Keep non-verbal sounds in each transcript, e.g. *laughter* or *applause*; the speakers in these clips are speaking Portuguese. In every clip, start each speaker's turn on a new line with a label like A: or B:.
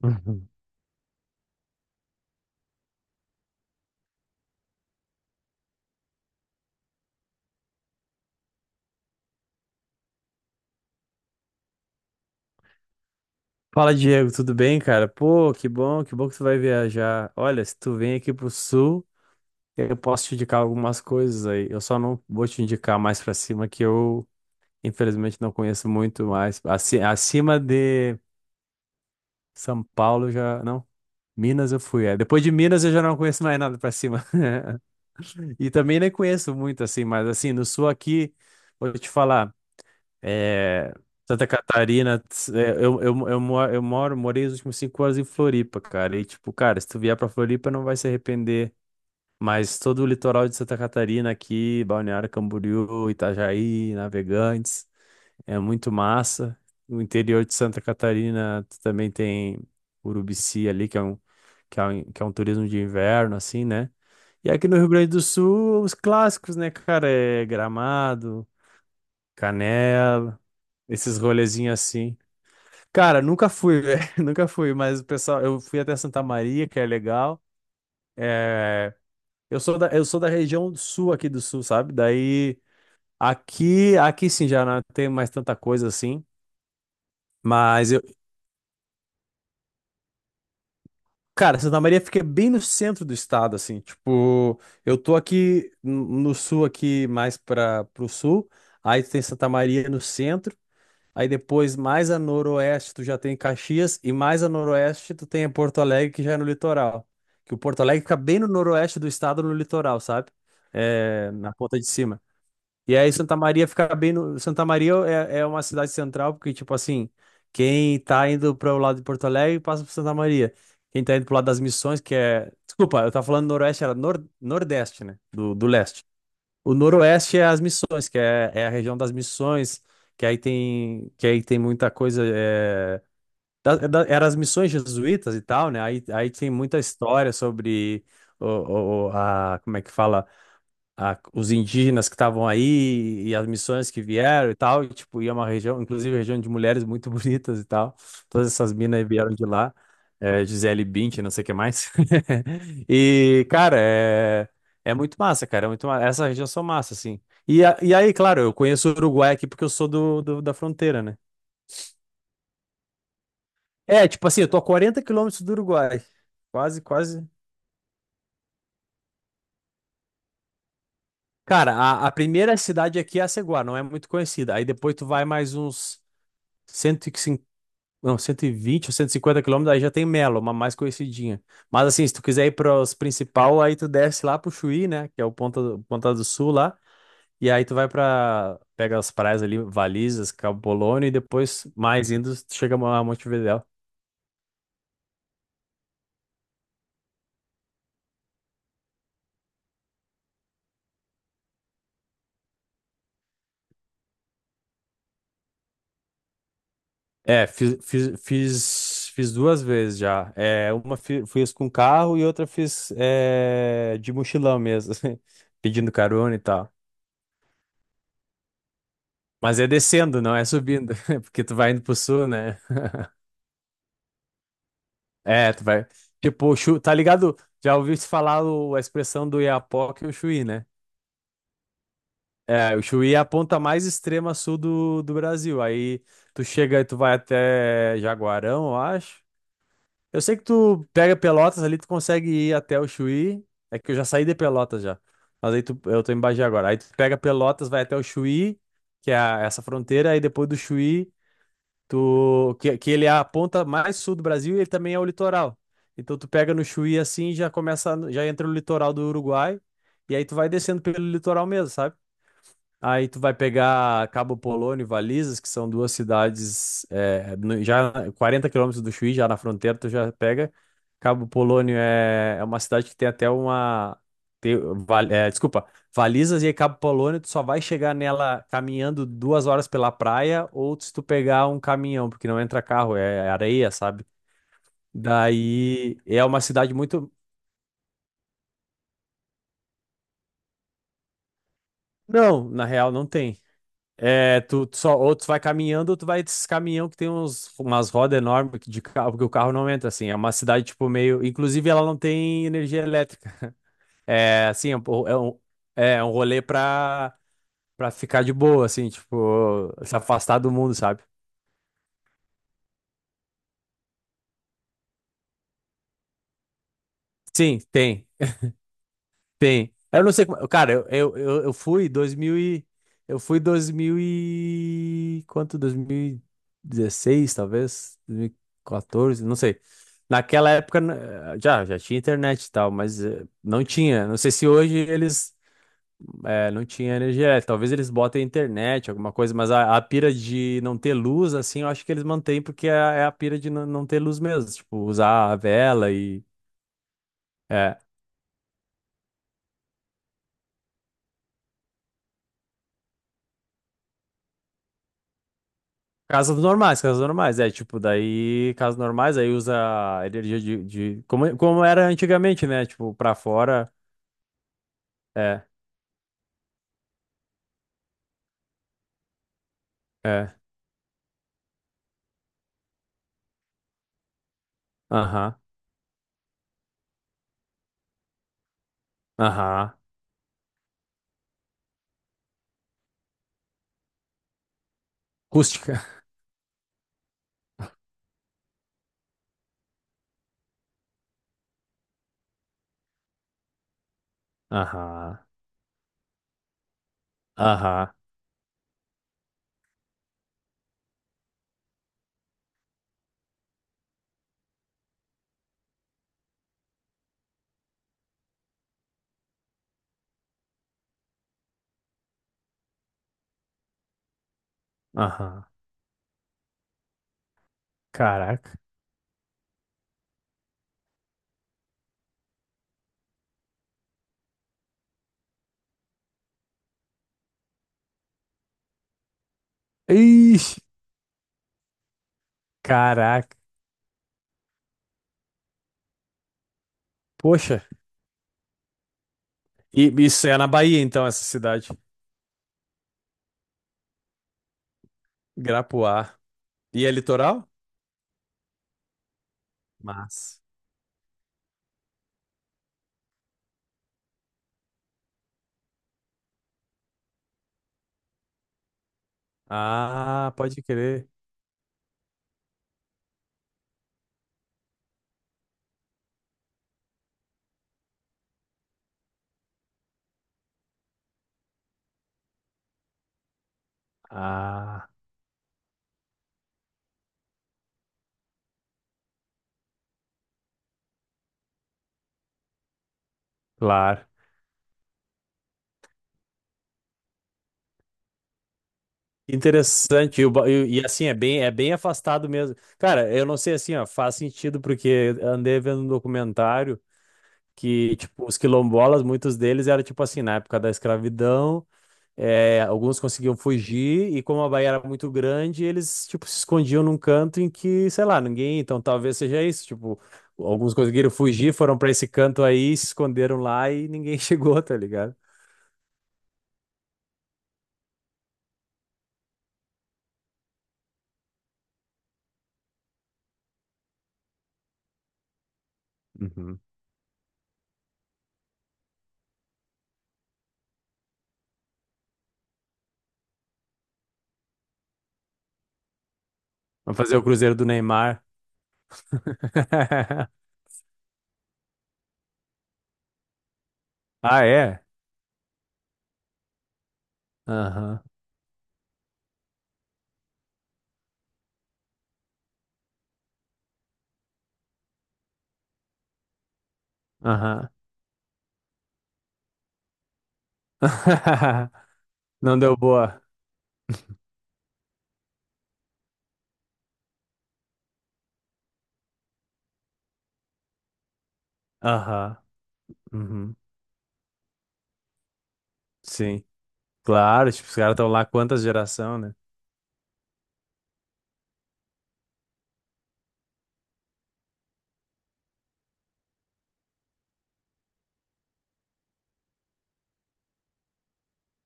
A: *laughs* Uhum. Fala, Diego, tudo bem, cara? Pô, que bom, que bom que tu vai viajar. Olha, se tu vem aqui pro sul, eu posso te indicar algumas coisas aí. Eu só não vou te indicar mais pra cima, que eu, infelizmente, não conheço muito mais. Acima de São Paulo, eu já. Não, Minas eu fui. É. Depois de Minas, eu já não conheço mais nada pra cima. *laughs* E também nem conheço muito, assim, mas, assim, no sul aqui, vou te falar. É, Santa Catarina, tss, é, eu moro, morei os últimos 5 anos em Floripa, cara. E tipo, cara, se tu vier pra Floripa, não vai se arrepender. Mas todo o litoral de Santa Catarina aqui, Balneário Camboriú, Itajaí, Navegantes, é muito massa. O interior de Santa Catarina tu também tem Urubici ali, que é um, que é um, que é um turismo de inverno, assim, né? E aqui no Rio Grande do Sul, os clássicos, né, cara? É Gramado, Canela. Esses rolezinhos assim. Cara, nunca fui, *laughs* velho. Nunca fui, mas o pessoal, eu fui até Santa Maria, que é legal. É, eu sou da região sul aqui do sul, sabe? Daí aqui, aqui sim já não tem mais tanta coisa assim. Mas eu, cara, Santa Maria fica bem no centro do estado, assim. Tipo, eu tô aqui no sul, aqui mais para pro sul. Aí tem Santa Maria no centro. Aí depois, mais a noroeste, tu já tem Caxias, e mais a noroeste, tu tem Porto Alegre, que já é no litoral. Que o Porto Alegre fica bem no noroeste do estado, no litoral, sabe? É, na ponta de cima. E aí Santa Maria fica bem no. Santa Maria é uma cidade central, porque, tipo assim, quem tá indo para o lado de Porto Alegre passa por Santa Maria. Quem tá indo pro lado das Missões, que é. Desculpa, eu tava falando noroeste, era nor... nordeste, né? Do leste. O Noroeste é as missões, que é a região das missões, que aí tem muita coisa. É, era as missões jesuítas e tal, né? Aí tem muita história sobre como é que fala? Os indígenas que estavam aí e as missões que vieram e tal, e, tipo, ia uma região, inclusive região de mulheres muito *laughs* bonitas e tal. Todas essas minas aí vieram de lá, é, Gisele Bündchen, não sei o que mais. *laughs* E, cara, é muito massa, cara, é muito massa. Essa região são massa, assim. E, e aí, claro, eu conheço o Uruguai aqui porque eu sou da fronteira, né? É, tipo assim, eu tô a 40 quilômetros do Uruguai. Quase, quase. Cara, a primeira cidade aqui é a Aceguá, não é muito conhecida. Aí depois tu vai mais uns 150. Não, 120 ou 150 quilômetros, aí já tem Melo, uma mais conhecidinha. Mas assim, se tu quiser ir para os principal, aí tu desce lá pro Chuí, né? Que é o Ponta do Sul lá. E aí tu vai pra. Pega as praias ali, Valizas, Cabo Polônio, e depois, mais indo, tu chega a Montevidéu. É, fiz, fiz, fiz, fiz duas vezes já. É, uma fiz com carro e outra fiz é, de mochilão mesmo, *laughs* pedindo carona e tal. Mas é descendo, não é subindo, *laughs* porque tu vai indo pro sul, né? *laughs* É, tu vai. Tipo, tá ligado? Já ouviu se falar a expressão do Iapoque e o Chuí, né? É, o Chuí é a ponta mais extrema sul do Brasil. Aí tu chega e tu vai até Jaguarão, eu acho. Eu sei que tu pega Pelotas ali, tu consegue ir até o Chuí. É que eu já saí de Pelotas já. Mas eu tô em Bagé agora. Aí tu pega Pelotas, vai até o Chuí, que é essa fronteira. Aí depois do Chuí. Tu, que ele é a ponta mais sul do Brasil e ele também é o litoral. Então tu pega no Chuí assim e já começa, já entra no litoral do Uruguai e aí tu vai descendo pelo litoral mesmo, sabe? Aí tu vai pegar Cabo Polônio e Valizas, que são duas cidades é, já 40 quilômetros do Chuí, já na fronteira, tu já pega. Cabo Polônio é uma cidade que tem até uma. tem- é, desculpa, Valizas e Cabo Polônio, tu só vai chegar nela caminhando 2 horas pela praia ou se tu pegar um caminhão, porque não entra carro, é areia, sabe? Daí é uma cidade muito. Não, na real, não tem. É, tu só, ou tu vai caminhando, ou tu vai desses caminhão que tem umas rodas enormes que de carro, porque o carro não entra, assim. É uma cidade, tipo, meio. Inclusive, ela não tem energia elétrica. É, assim, é um é um rolê pra ficar de boa, assim, tipo, se afastar do mundo, sabe? Sim, tem. Tem. Eu não sei como. Cara, eu fui 2000 e. Eu fui 2000 e. Quanto? 2016, talvez? 2014, não sei. Naquela época né, já tinha internet e tal, mas não tinha. Não sei se hoje eles. Não tinha energia elétrica. Talvez eles botem internet, alguma coisa, mas a pira de não ter luz, assim, eu acho que eles mantêm, porque é a pira de não ter luz mesmo. Tipo, usar a vela e. é, Casas normais, casas normais. É, tipo, daí, casas normais, aí usa energia de como era antigamente, né? Tipo, pra fora. É, é. Aham, aham. Acústica. *laughs* Aham, aham, aham. Caraca. Ixi, caraca. Poxa. E isso é na Bahia, então, essa cidade. Grapuá. E é litoral? Mas. Ah, pode crer. Ah, claro. Interessante, e, e, assim, é bem afastado mesmo. Cara, eu não sei assim, ó, faz sentido porque andei vendo um documentário que, tipo, os quilombolas, muitos deles eram, tipo assim, na época da escravidão, é, alguns conseguiam fugir e como a Bahia era muito grande, eles, tipo, se escondiam num canto em que, sei lá, ninguém, então talvez seja isso, tipo, alguns conseguiram fugir, foram pra esse canto aí, se esconderam lá e ninguém *laughs* chegou, tá ligado? Uhum. Vamos fazer o Cruzeiro do Neymar. *laughs* Ah, é? Aham, aham. *laughs* Não deu boa. Aham, uhum. Sim. Claro, tipo, os caras estão lá quantas geração, né?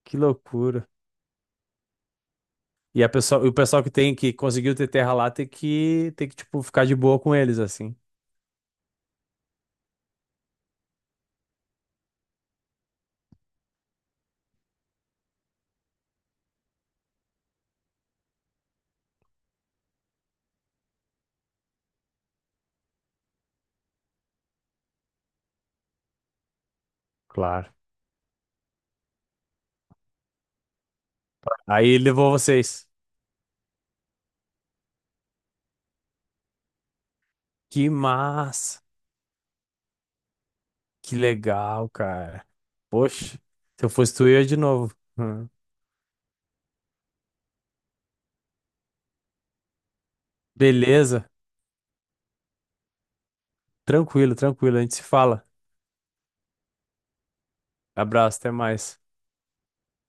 A: Que loucura. E o pessoal que tem que conseguiu ter terra lá tem que tipo ficar de boa com eles assim. Claro. Aí levou vocês. Que massa. Que legal, cara. Poxa, se eu fosse tu, eu ia de novo. Hum. Beleza. Tranquilo, tranquilo. A gente se fala. Abraço, até mais.